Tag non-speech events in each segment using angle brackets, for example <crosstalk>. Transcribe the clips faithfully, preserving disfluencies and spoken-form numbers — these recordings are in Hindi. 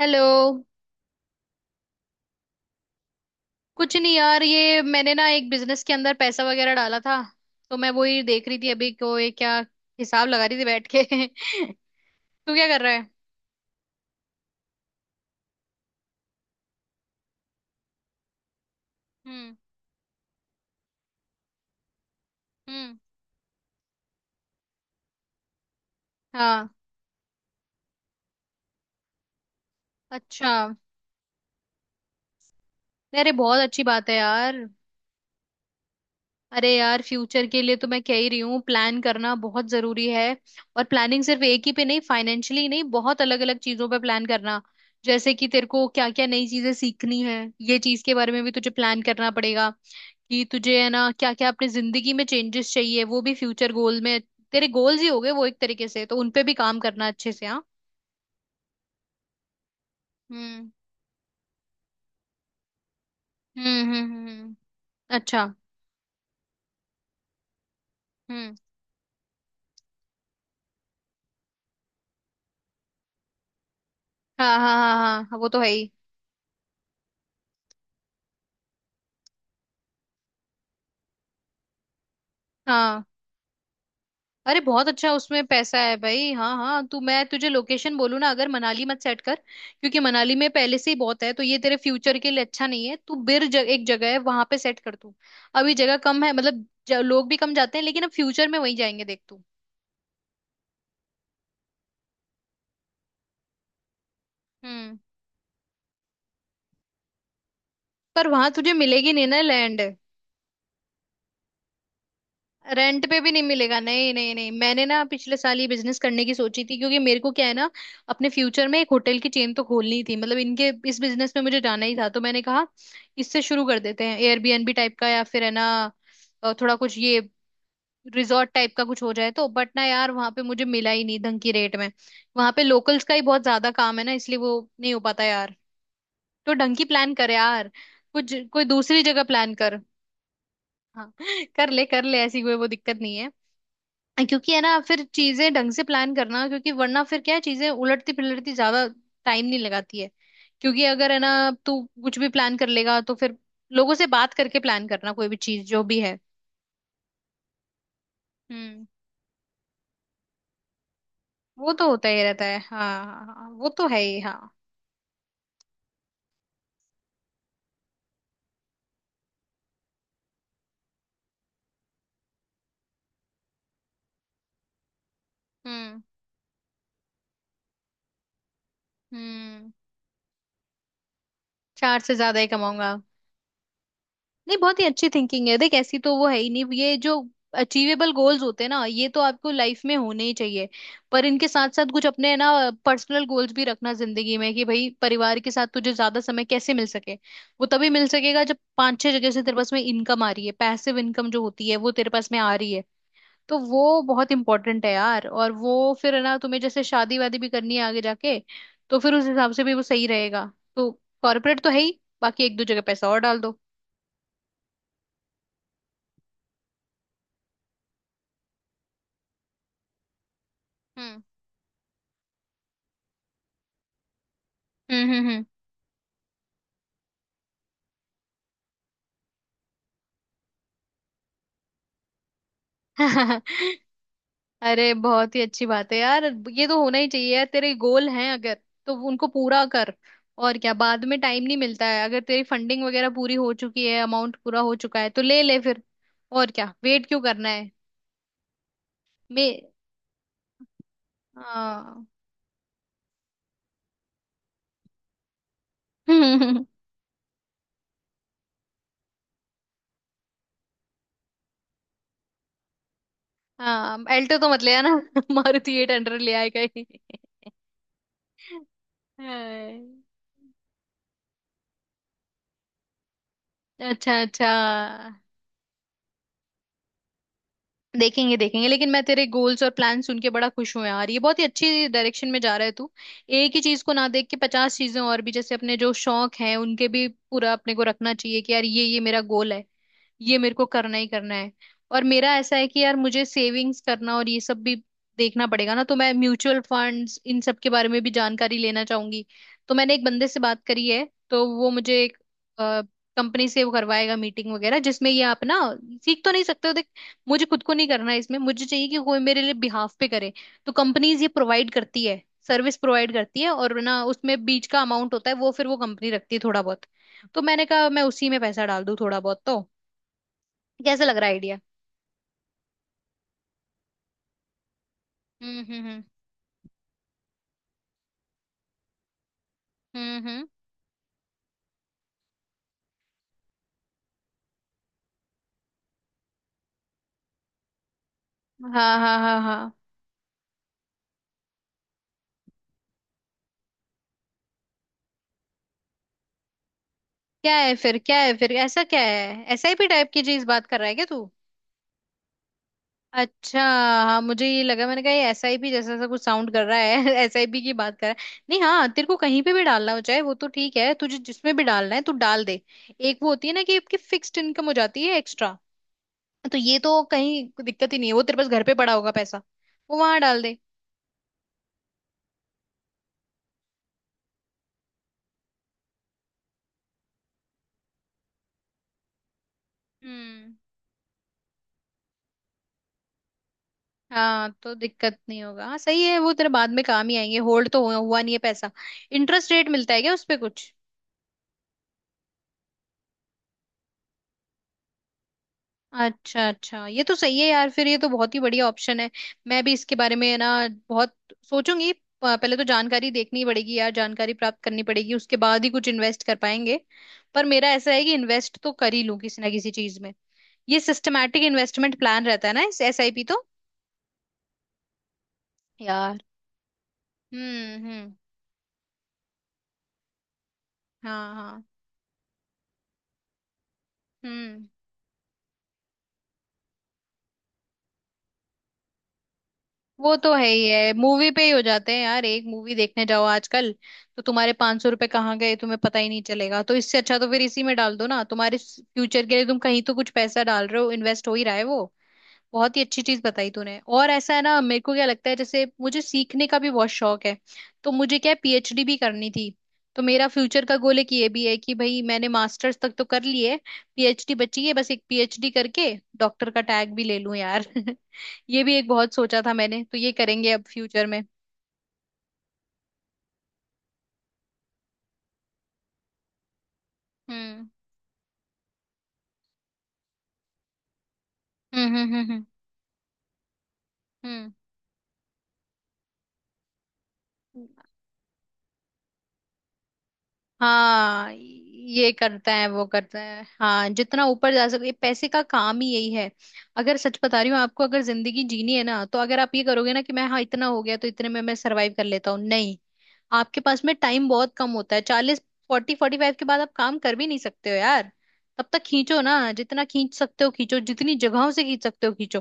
हेलो। कुछ नहीं यार, ये मैंने ना एक बिजनेस के अंदर पैसा वगैरह डाला था, तो मैं वही देख रही थी अभी को, ये क्या हिसाब लगा रही थी बैठ के। <laughs> तू क्या कर रहा है? हम्म। हम्म। हाँ। अच्छा। अरे बहुत अच्छी बात है यार। अरे यार, फ्यूचर के लिए तो मैं कह ही रही हूँ, प्लान करना बहुत जरूरी है। और प्लानिंग सिर्फ एक ही पे नहीं, फाइनेंशियली नहीं, बहुत अलग अलग चीजों पे प्लान करना। जैसे कि तेरे को क्या क्या नई चीजें सीखनी है, ये चीज के बारे में भी तुझे प्लान करना पड़ेगा। कि तुझे है ना क्या क्या अपनी जिंदगी में चेंजेस चाहिए, वो भी फ्यूचर गोल में। तेरे गोल्स ही हो गए वो एक तरीके से, तो उनपे भी काम करना अच्छे से। हाँ। हम्म। हम्म। हम्म। हम्म। अच्छा। हम्म। हाँ हाँ हाँ हाँ हाँ, वो तो है ही हाँ। अरे बहुत अच्छा, उसमें पैसा है भाई। हाँ हाँ, तू मैं तुझे लोकेशन बोलूँ ना, अगर मनाली मत सेट कर, क्योंकि मनाली में पहले से ही बहुत है, तो ये तेरे फ्यूचर के लिए अच्छा नहीं है। तू बिर जग, एक जगह है वहां पे सेट कर तू। अभी जगह कम है, मतलब ज- लोग भी कम जाते हैं, लेकिन अब फ्यूचर में वहीं जाएंगे, देख तू। हम्म। पर वहां तुझे मिलेगी नहीं ना लैंड। रेंट पे भी नहीं मिलेगा। नहीं नहीं नहीं, मैंने ना पिछले साल ये बिजनेस करने की सोची थी, क्योंकि मेरे को क्या है ना, अपने फ्यूचर में एक होटल की चेन तो खोलनी थी, मतलब इनके इस बिजनेस में मुझे जाना ही था। तो मैंने कहा इससे शुरू कर देते हैं, air B N B type का, या फिर है ना अ, थोड़ा कुछ ये रिजॉर्ट टाइप का कुछ हो जाए, तो बट ना यार वहां पे मुझे मिला ही नहीं ढंग की रेट में। वहां पे लोकल्स का ही बहुत ज्यादा काम है ना, इसलिए वो नहीं हो पाता यार। तो ढंग की प्लान कर यार, कुछ कोई दूसरी जगह प्लान कर। हाँ, कर ले कर ले, ऐसी कोई वो दिक्कत नहीं है। क्योंकि है ना, फिर चीजें ढंग से प्लान करना, क्योंकि वरना फिर क्या है, चीजें उलटती पिलटती ज्यादा टाइम नहीं लगाती है। क्योंकि अगर है ना, तू कुछ भी प्लान कर लेगा, तो फिर लोगों से बात करके प्लान करना, कोई भी चीज जो भी है। हम्म। वो तो होता ही रहता है, हाँ हाँ हाँ, वो तो है ही हाँ। हम्म। हम्म। चार से ज्यादा ही कमाऊंगा। नहीं, बहुत ही अच्छी थिंकिंग है, देख ऐसी तो वो है ही नहीं। ये जो अचीवेबल गोल्स होते हैं ना, ये तो आपको लाइफ में होने ही चाहिए। पर इनके साथ साथ कुछ अपने ना पर्सनल गोल्स भी रखना जिंदगी में, कि भाई परिवार के साथ तुझे ज्यादा समय कैसे मिल सके। वो तभी मिल सकेगा जब पांच छह जगह से तेरे पास में इनकम आ रही है, पैसिव इनकम जो होती है वो तेरे पास में आ रही है। तो वो बहुत इंपॉर्टेंट है यार। और वो फिर है ना, तुम्हें जैसे शादी वादी भी करनी है आगे जाके, तो फिर उस हिसाब से भी वो सही रहेगा। तो कॉर्पोरेट तो है ही, बाकी एक दो जगह पैसा और डाल दो। हम्म हम्म हम्म। <laughs> अरे बहुत ही अच्छी बात है यार। ये तो होना ही चाहिए यार, तेरे गोल हैं अगर तो उनको पूरा कर। और क्या, बाद में टाइम नहीं मिलता है। अगर तेरी फंडिंग वगैरह पूरी हो चुकी है, अमाउंट पूरा हो चुका है, तो ले ले फिर। और क्या, वेट क्यों करना है। मे हाँ। <laughs> हाँ एल्टो तो मत ले आना। <laughs> मारुति एट हंड्रेड ले आए कहीं। <laughs> हाय। अच्छा अच्छा, देखेंगे देखेंगे, लेकिन मैं तेरे गोल्स और प्लान सुन के बड़ा खुश हूं यार, ये बहुत ही अच्छी डायरेक्शन में जा रहा है तू। एक ही चीज को ना देख के पचास चीजें और भी, जैसे अपने जो शौक हैं उनके भी पूरा अपने को रखना चाहिए, कि यार ये ये मेरा गोल है, ये मेरे को करना ही करना है। और मेरा ऐसा है कि यार मुझे सेविंग्स करना और ये सब भी देखना पड़ेगा ना, तो मैं म्यूचुअल फंड्स इन सब के बारे में भी जानकारी लेना चाहूंगी। तो मैंने एक बंदे से बात करी है, तो वो मुझे एक कंपनी से वो करवाएगा मीटिंग वगैरह, जिसमें ये आप ना सीख तो नहीं सकते हो देख, मुझे खुद को नहीं करना है इसमें, मुझे चाहिए कि कोई मेरे लिए बिहाफ पे करे। तो कंपनीज ये प्रोवाइड करती है, सर्विस प्रोवाइड करती है, और ना उसमें बीच का अमाउंट होता है वो फिर वो कंपनी रखती है थोड़ा बहुत। तो मैंने कहा मैं उसी में पैसा डाल दूं थोड़ा बहुत, तो कैसे लग रहा है आइडिया? हम्म हम्म हम्म हम्म हम्म। हाँ हाँ हाँ हाँ, क्या है फिर, क्या है फिर, ऐसा क्या है, एसआईपी टाइप की चीज बात कर रहा है क्या तू? अच्छा, हाँ मुझे ये लगा, मैंने कहा ये एस आई पी जैसा सा कुछ साउंड कर रहा है। <laughs> एसआईपी की बात कर रहा है, नहीं हाँ, तेरे को कहीं पे भी डालना हो चाहे, वो तो ठीक है, तुझे जिसमें भी डालना है तू डाल दे। एक वो होती है ना कि आपकी फिक्स्ड इनकम हो जाती है एक्स्ट्रा, तो ये तो कहीं दिक्कत ही नहीं है। वो तेरे पास घर पे पड़ा होगा पैसा, वो वहां डाल दे। हम्म। हाँ तो दिक्कत नहीं होगा, हाँ सही है, वो तेरे बाद में काम ही आएंगे। होल्ड तो हुआ, हुआ नहीं है पैसा। इंटरेस्ट रेट मिलता है क्या उस पे कुछ? अच्छा अच्छा, ये तो सही है यार, फिर ये तो बहुत ही बढ़िया ऑप्शन है। मैं भी इसके बारे में ना बहुत सोचूंगी। प- पहले तो जानकारी देखनी पड़ेगी यार, जानकारी प्राप्त करनी पड़ेगी, उसके बाद ही कुछ इन्वेस्ट कर पाएंगे। पर मेरा ऐसा है कि इन्वेस्ट तो कर ही लूं किसी ना किसी चीज में। ये सिस्टमैटिक इन्वेस्टमेंट प्लान रहता है ना इस एस आई पी तो। यार, हम्म हम्म, हाँ हाँ, हम्म, वो तो है ही। है मूवी पे ही हो जाते हैं यार, एक मूवी देखने जाओ आजकल, तो तुम्हारे पांच सौ रुपए कहाँ गए तुम्हें पता ही नहीं चलेगा। तो इससे अच्छा तो फिर इसी में डाल दो ना, तुम्हारे फ्यूचर के लिए तुम कहीं तो कुछ पैसा डाल रहे हो, इन्वेस्ट हो ही रहा है वो। बहुत ही अच्छी चीज बताई तूने। और ऐसा है ना, मेरे को क्या लगता है, जैसे मुझे सीखने का भी बहुत शौक है, तो मुझे क्या पी एच डी भी करनी थी। तो मेरा फ्यूचर का गोल एक ये भी है कि भाई मैंने मास्टर्स तक तो कर ली है, पी एच डी बची है, बस एक पी एच डी करके डॉक्टर का टैग भी ले लूं यार। <laughs> ये भी एक बहुत सोचा था मैंने, तो ये करेंगे अब फ्यूचर में। हम्म हम्म हम्म हम्म हम्म हम्म। हाँ ये करता है वो करता है, हाँ जितना ऊपर जा सके, ये पैसे का काम ही यही है। अगर सच बता रही हूँ आपको, अगर जिंदगी जीनी है ना, तो अगर आप ये करोगे ना कि मैं हाँ इतना हो गया तो इतने में मैं सरवाइव कर लेता हूँ, नहीं, आपके पास में टाइम बहुत कम होता है। चालीस, फोर्टी फोर्टी फाइव के बाद आप काम कर भी नहीं सकते हो यार। तब तक खींचो ना, जितना खींच सकते हो खींचो, जितनी जगहों से खींच सकते हो खींचो,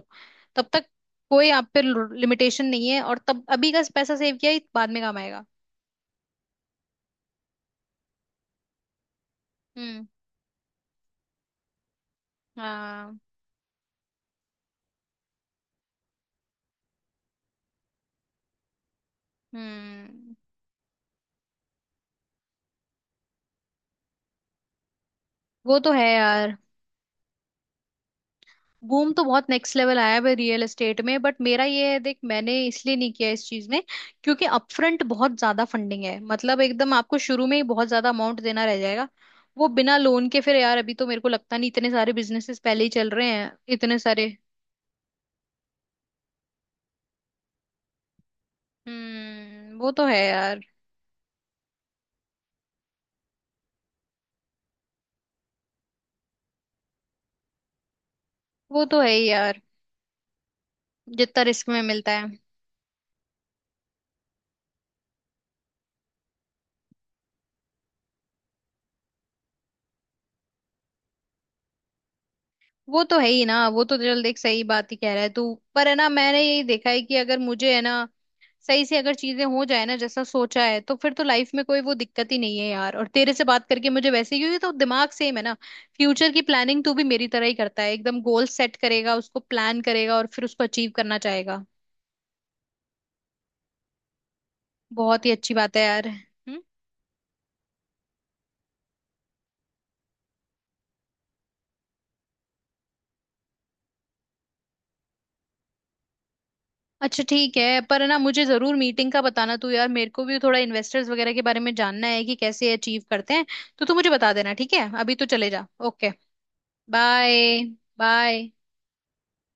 तब तक कोई आप पे लिमिटेशन नहीं है। और तब अभी का पैसा सेव किया ही बाद में काम आएगा। हम्म। हाँ। हम्म, वो तो है यार। बूम तो बहुत नेक्स्ट लेवल आया है रियल एस्टेट में, बट मेरा ये है, देख मैंने इसलिए नहीं किया इस चीज में, क्योंकि अपफ्रंट बहुत ज्यादा फंडिंग है, मतलब एकदम आपको शुरू में ही बहुत ज्यादा अमाउंट देना रह जाएगा वो बिना लोन के। फिर यार अभी तो मेरे को लगता नहीं, इतने सारे बिजनेसेस पहले ही चल रहे हैं इतने सारे। हम्म, वो तो है यार। वो तो है ही यार, जितना रिस्क में मिलता है। वो तो है ही ना, वो तो चल, देख सही बात ही कह रहा है तू। पर है ना, मैंने यही देखा है कि अगर मुझे है ना सही से अगर चीजें हो जाए ना जैसा सोचा है, तो फिर तो लाइफ में कोई वो दिक्कत ही नहीं है यार। और तेरे से बात करके मुझे वैसे ही, क्योंकि तो दिमाग सेम है ना, फ्यूचर की प्लानिंग तू भी मेरी तरह ही करता है, एकदम गोल सेट करेगा, उसको प्लान करेगा, और फिर उसको अचीव करना चाहेगा। बहुत ही अच्छी बात है यार। हम्म। अच्छा ठीक है, पर ना मुझे जरूर मीटिंग का बताना तू यार, मेरे को भी थोड़ा इन्वेस्टर्स वगैरह के बारे में जानना है कि कैसे अचीव करते हैं, तो तू मुझे बता देना। ठीक है, अभी तो चले जा, ओके बाय। बाय।